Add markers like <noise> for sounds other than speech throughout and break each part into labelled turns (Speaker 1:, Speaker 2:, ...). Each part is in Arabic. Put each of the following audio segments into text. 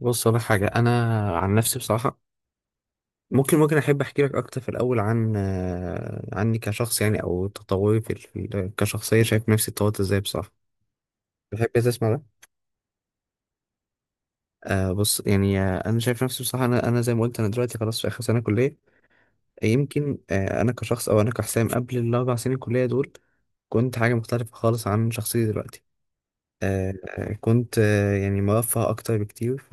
Speaker 1: بص، أقول لك حاجة. أنا عن نفسي بصراحة ممكن أحب أحكي لك أكتر في الأول عن عني كشخص، يعني أو تطوري في كشخصية، شايف نفسي اتطورت إزاي بصراحة. تحب تسمع ده؟ بص يعني، أنا شايف نفسي بصراحة. أنا زي ما قلت، أنا دلوقتي خلاص في آخر سنة كلية. يمكن أنا كشخص، أو أنا كحسام قبل الأربع سنين كلية دول كنت حاجة مختلفة خالص عن شخصيتي دلوقتي. آه كنت يعني مرفه أكتر بكتير.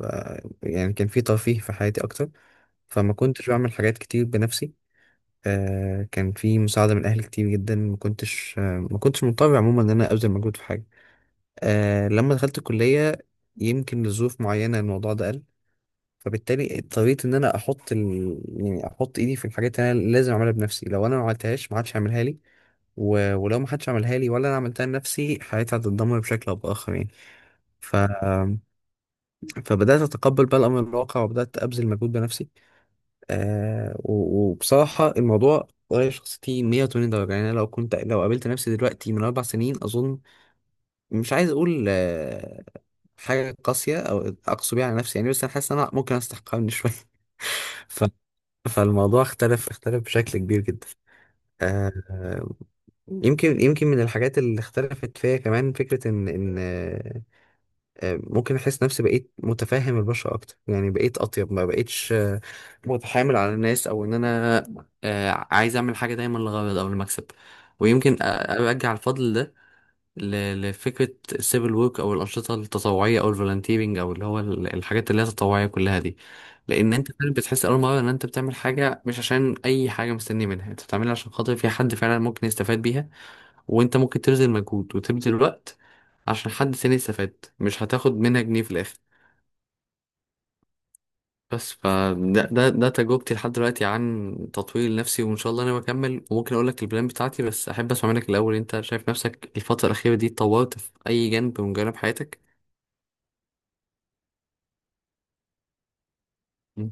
Speaker 1: يعني كان في ترفيه في حياتي أكتر، فما كنتش بعمل حاجات كتير بنفسي. كان في مساعدة من أهلي كتير جدا، ما كنتش مضطر عموما إن أنا أبذل مجهود في حاجة. لما دخلت الكلية يمكن لظروف معينة الموضوع ده قل، فبالتالي اضطريت إن أنا يعني أحط إيدي في الحاجات اللي أنا لازم أعملها بنفسي. لو أنا ما عملتهاش ما حدش هيعملها لي، ولو ما حدش عملها لي ولا أنا عملتها لنفسي حياتي هتتدمر بشكل أو بآخر يعني. ف... فبدأت أتقبل بقى الأمر الواقع وبدأت أبذل مجهود بنفسي. آه و- وبصراحة الموضوع غير شخصيتي 180 درجة. يعني أنا لو قابلت نفسي دلوقتي من أربع سنين أظن، مش عايز أقول حاجة قاسية أو أقسو بيها على نفسي يعني، بس أنا حاسس إن أنا ممكن أستحقها من شوية. <laughs> ف... فالموضوع اختلف بشكل كبير جدا. آه يمكن من الحاجات اللي اختلفت فيا كمان فكرة إن ممكن احس نفسي بقيت متفهم البشر اكتر، يعني بقيت اطيب، ما بقيتش متحامل على الناس، او ان انا عايز اعمل حاجه دايما للغرض او المكسب. ويمكن ارجع الفضل ده ل- لفكره السيفل ورك، او الانشطه التطوعيه، او الفولنتيرنج، او اللي هو الحاجات اللي هي التطوعيه كلها دي، لان انت فعلا بتحس اول مره ان انت بتعمل حاجه مش عشان اي حاجه مستني منها، انت بتعملها عشان خاطر في حد فعلا ممكن يستفاد بيها. وانت ممكن تبذل مجهود وتبذل وقت عشان حد تاني يستفاد، مش هتاخد منها جنيه في الاخر. بس فده ده ده تجربتي لحد دلوقتي عن تطوير نفسي، وان شاء الله انا بكمل وممكن اقول لك البلان بتاعتي. بس احب اسمع منك الاول، انت شايف نفسك الفتره الاخيره دي اتطورت في اي جانب من جوانب حياتك؟ مم.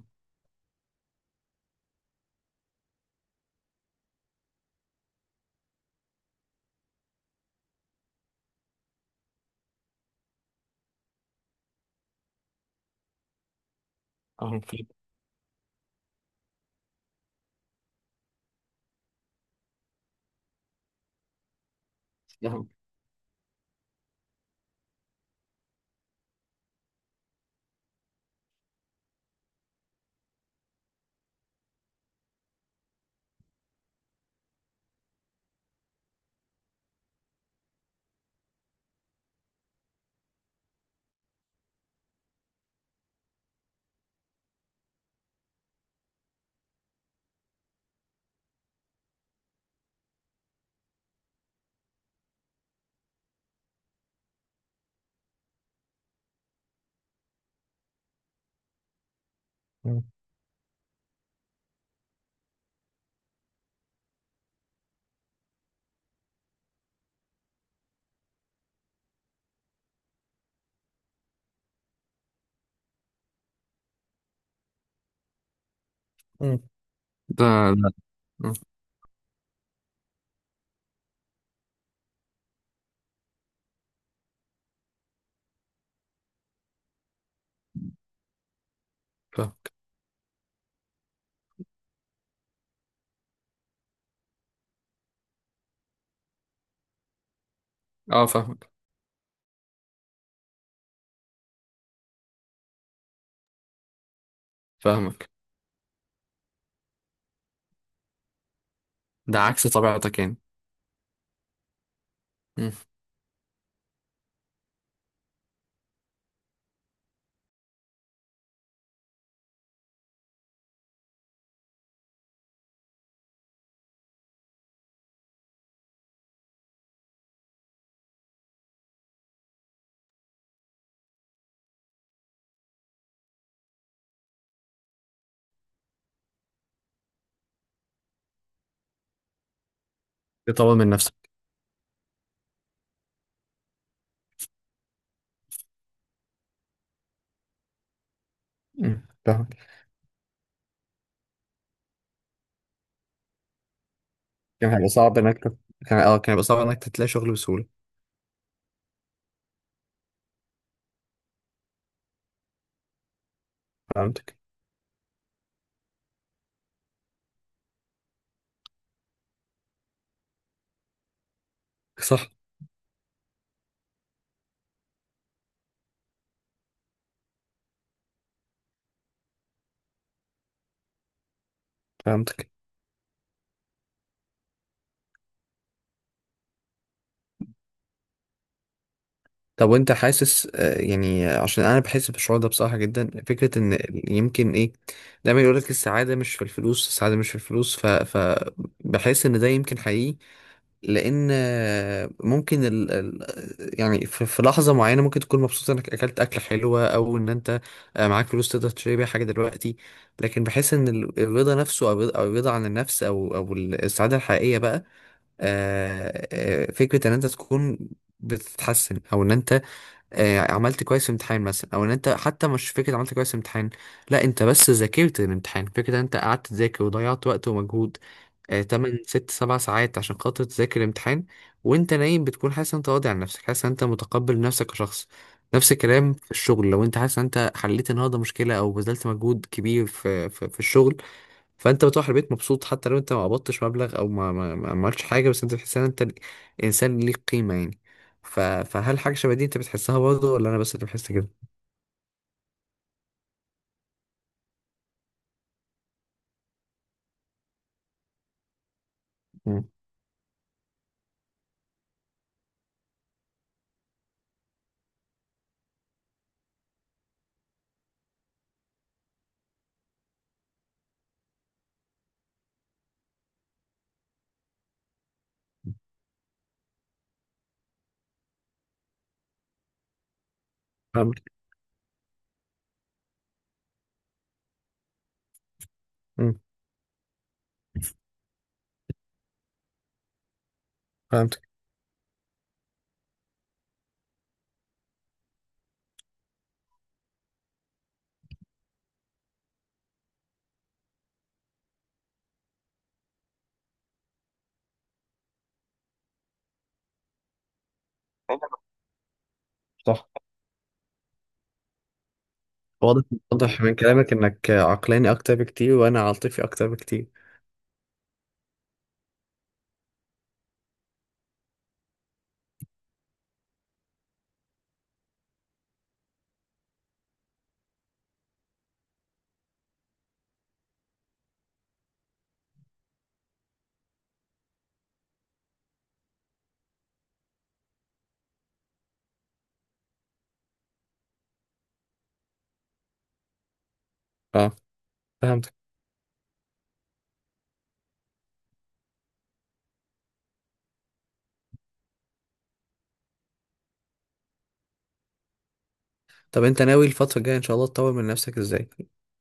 Speaker 1: اه، ده. مم. مم. ده ده. مم. فاهمك. اه، فاهمك. فاهمك. ده عكس طبيعتك يعني. مم. تطور من نفسك. مم. فاهمك. كان هيبقى صعب انك تت- كان هيبقى صعب انك تلاقي شغل بسهوله. فهمتك. صح. فهمتك. طب وانت حاسس يعني، عشان انا بحس بالشعور ده بصراحه جدا، فكره ان يمكن ايه دايما يقول لك السعاده مش في الفلوس، السعاده مش في الفلوس، ف بحس ان ده يمكن حقيقي. لان ممكن يعني في لحظه معينه ممكن تكون مبسوط انك اكلت اكله حلوه، او ان انت معاك فلوس تقدر تشتري بيها حاجه دلوقتي. لكن بحس ان ال- الرضا نفسه، او الرضا، أو الرضا عن النفس، او السعاده الحقيقيه بقى، آه، فكرة ان انت تكون بتتحسن، او ان انت عملت كويس في امتحان مثلا، او ان انت حتى مش فكرة عملت كويس في امتحان، لا، انت بس ذاكرت الامتحان، فكرة ان انت قعدت تذاكر وضيعت وقت ومجهود 8 6 7 ساعات عشان خاطر تذاكر الامتحان، وانت نايم بتكون حاسس ان انت راضي عن نفسك، حاسس ان انت متقبل نفسك كشخص. نفس الكلام في الشغل، لو انت حاسس ان انت حليت النهارده مشكله، او بذلت مجهود كبير في الشغل، فانت بتروح البيت مبسوط، حتى لو انت ما قبضتش مبلغ او ما عملتش حاجه، بس انت بتحس ان انت انسان ليك قيمه يعني. فهل حاجه شبه دي انت بتحسها برضه، ولا انا بس اللي بحس كده؟ مم. فهمت. مم. فهمتك. صح. واضح، واضح من كلامك انك عقلاني اكتر بكتير وانا عاطفي اكتر بكتير. اه، فهمتك. طب انت ناوي الفترة الجاية ان شاء الله تطور من نفسك ازاي؟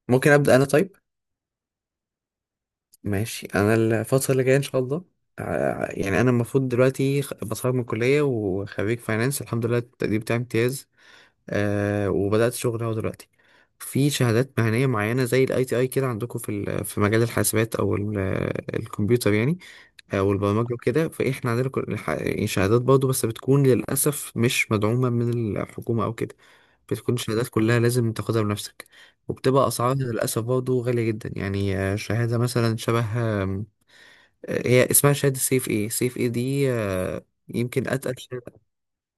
Speaker 1: ممكن ابدأ انا طيب؟ ماشي. انا الفترة اللي جاية ان شاء الله، يعني انا المفروض دلوقتي بتخرج من الكلية، وخريج فاينانس الحمد لله، التقدير بتاعي امتياز. وبدأت شغل اهو دلوقتي. في شهادات مهنية معينة زي الاي تي اي كده عندكم في في مجال الحاسبات او الكمبيوتر يعني، او البرمجة وكده. فاحنا عندنا يعني شهادات برضه، بس بتكون للأسف مش مدعومة من الحكومة او كده. بتكون الشهادات كلها لازم تاخدها بنفسك، وبتبقى أسعارها للأسف برضه غالية جدا يعني. شهادة مثلا شبه آم، آه، هي اسمها شهادة سيف ايه. سيف ايه دي يمكن أتقل.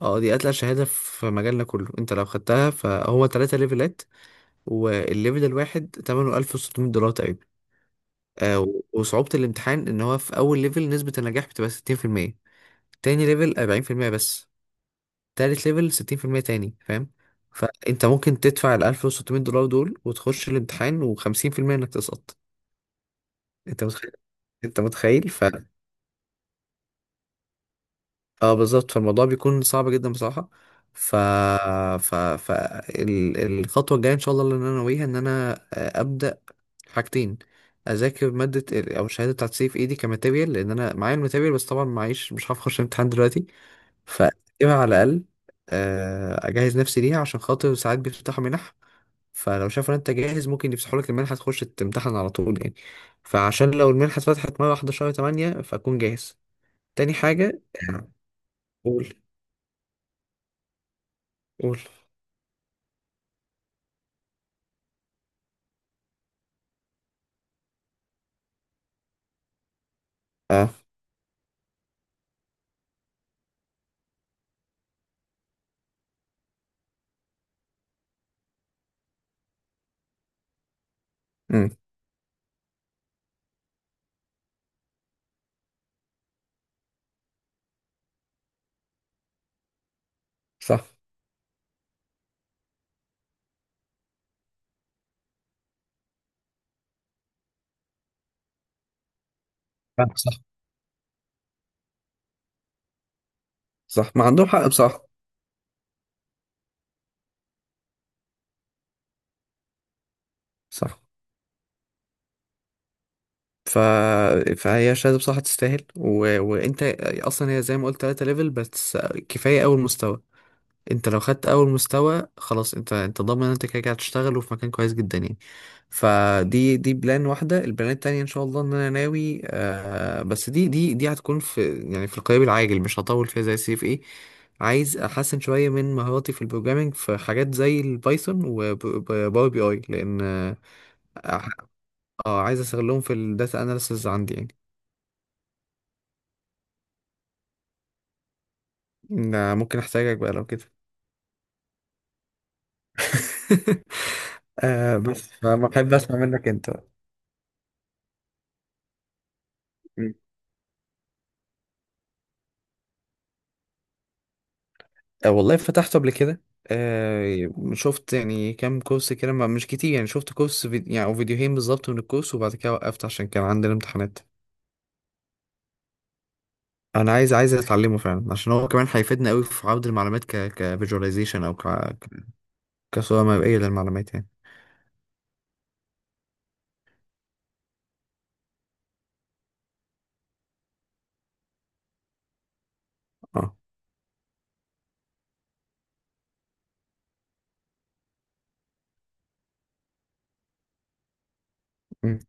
Speaker 1: اه، دي اتقل شهادة في مجالنا كله. انت لو خدتها فهو تلاتة ليفلات، والليفل الواحد تمنه 1600 دولار تقريبا. آه و- وصعوبة الامتحان ان هو في اول ليفل نسبة النجاح بتبقى 60%، تاني ليفل 40% بس، تالت ليفل 60% تاني، فاهم؟ فانت ممكن تدفع 1600 دولار دول وتخش الامتحان، وخمسين في المية انك تسقط. انت متخيل؟ انت متخيل؟ اه بالظبط، فالموضوع بيكون صعب جدا بصراحة. ف ف ف الخطوة الجاية ان شاء الله اللي انا ناويها ان انا ابدأ حاجتين. اذاكر مادة ال- او الشهادة بتاعت سي في ايدي كماتيريال، لان انا معايا الماتيريال، بس طبعا معيش مش هعرف اخش الامتحان دلوقتي، فاكتبها على الاقل. اجهز نفسي ليها عشان خاطر ساعات بيفتحوا منح، فلو شافوا ان انت جاهز ممكن يفتحوا لك المنحة تخش تمتحن على طول يعني. فعشان لو المنحة اتفتحت مرة واحدة شهر 8 فاكون جاهز. تاني حاجة، آه، قول. قول. اه. امم. صح. فاهم. صح، صح ما عندهم حق بصراحة. صح. ف... فهي شهادة بصراحة تستاهل. و... وانت اصلا هي زي ما قلت 3 ليفل بس، كفاية اول مستوى. انت لو خدت اول مستوى خلاص، انت ضامن ان انت كده كده هتشتغل وفي مكان كويس جدا يعني. فدي بلان واحده. البلان التانيه ان شاء الله ان انا ناوي بس، دي هتكون في يعني في القريب العاجل، مش هطول فيها زي سي اف ايه. عايز احسن شويه من مهاراتي في البروجرامينج، في حاجات زي البايثون وباور بي اي، لان اه، اه، عايز استغلهم في الداتا اناليسز عندي يعني. ده ممكن احتاجك بقى لو كده. <laughs> بس فما بحب اسمع منك انت. والله فتحته قبل كده. شفت يعني كام كورس كده، مش كتير يعني، شفت كورس فيديو يعني او فيديوهين بالظبط من الكورس وبعد كده وقفت عشان كان عندنا امتحانات. انا عايز اتعلمه فعلا عشان هو كمان هيفيدنا قوي في عرض المعلومات، كفيجواليزيشن او كصورة مرئية للمعلومات يعني. اه. امم.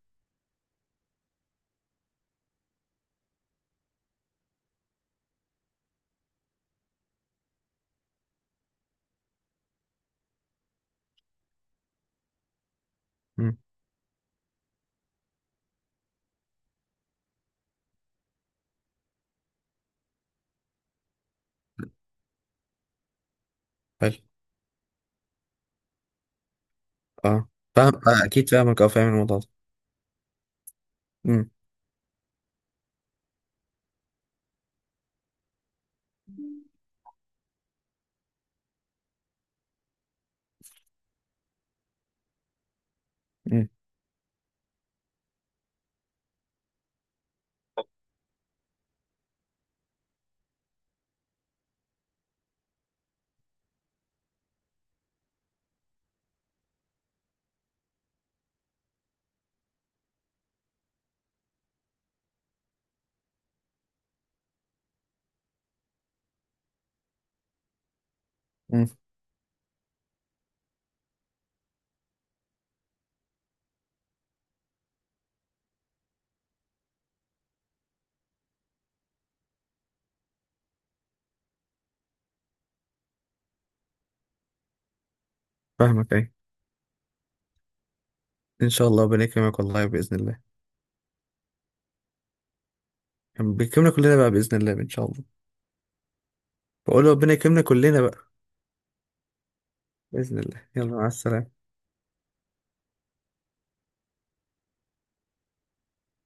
Speaker 1: امم. حلو. اه، فاهم. اكيد فاهمك، او فاهم الموضوع ده. امم. امم. امم. فاهمك. اي، ان شاء الله. ربنا يكرمك والله باذن الله، يعني بيكرمنا كلنا بقى باذن الله ان شاء الله. بقول ربنا يكرمنا كلنا بقى باذن الله. يلا، مع السلامة.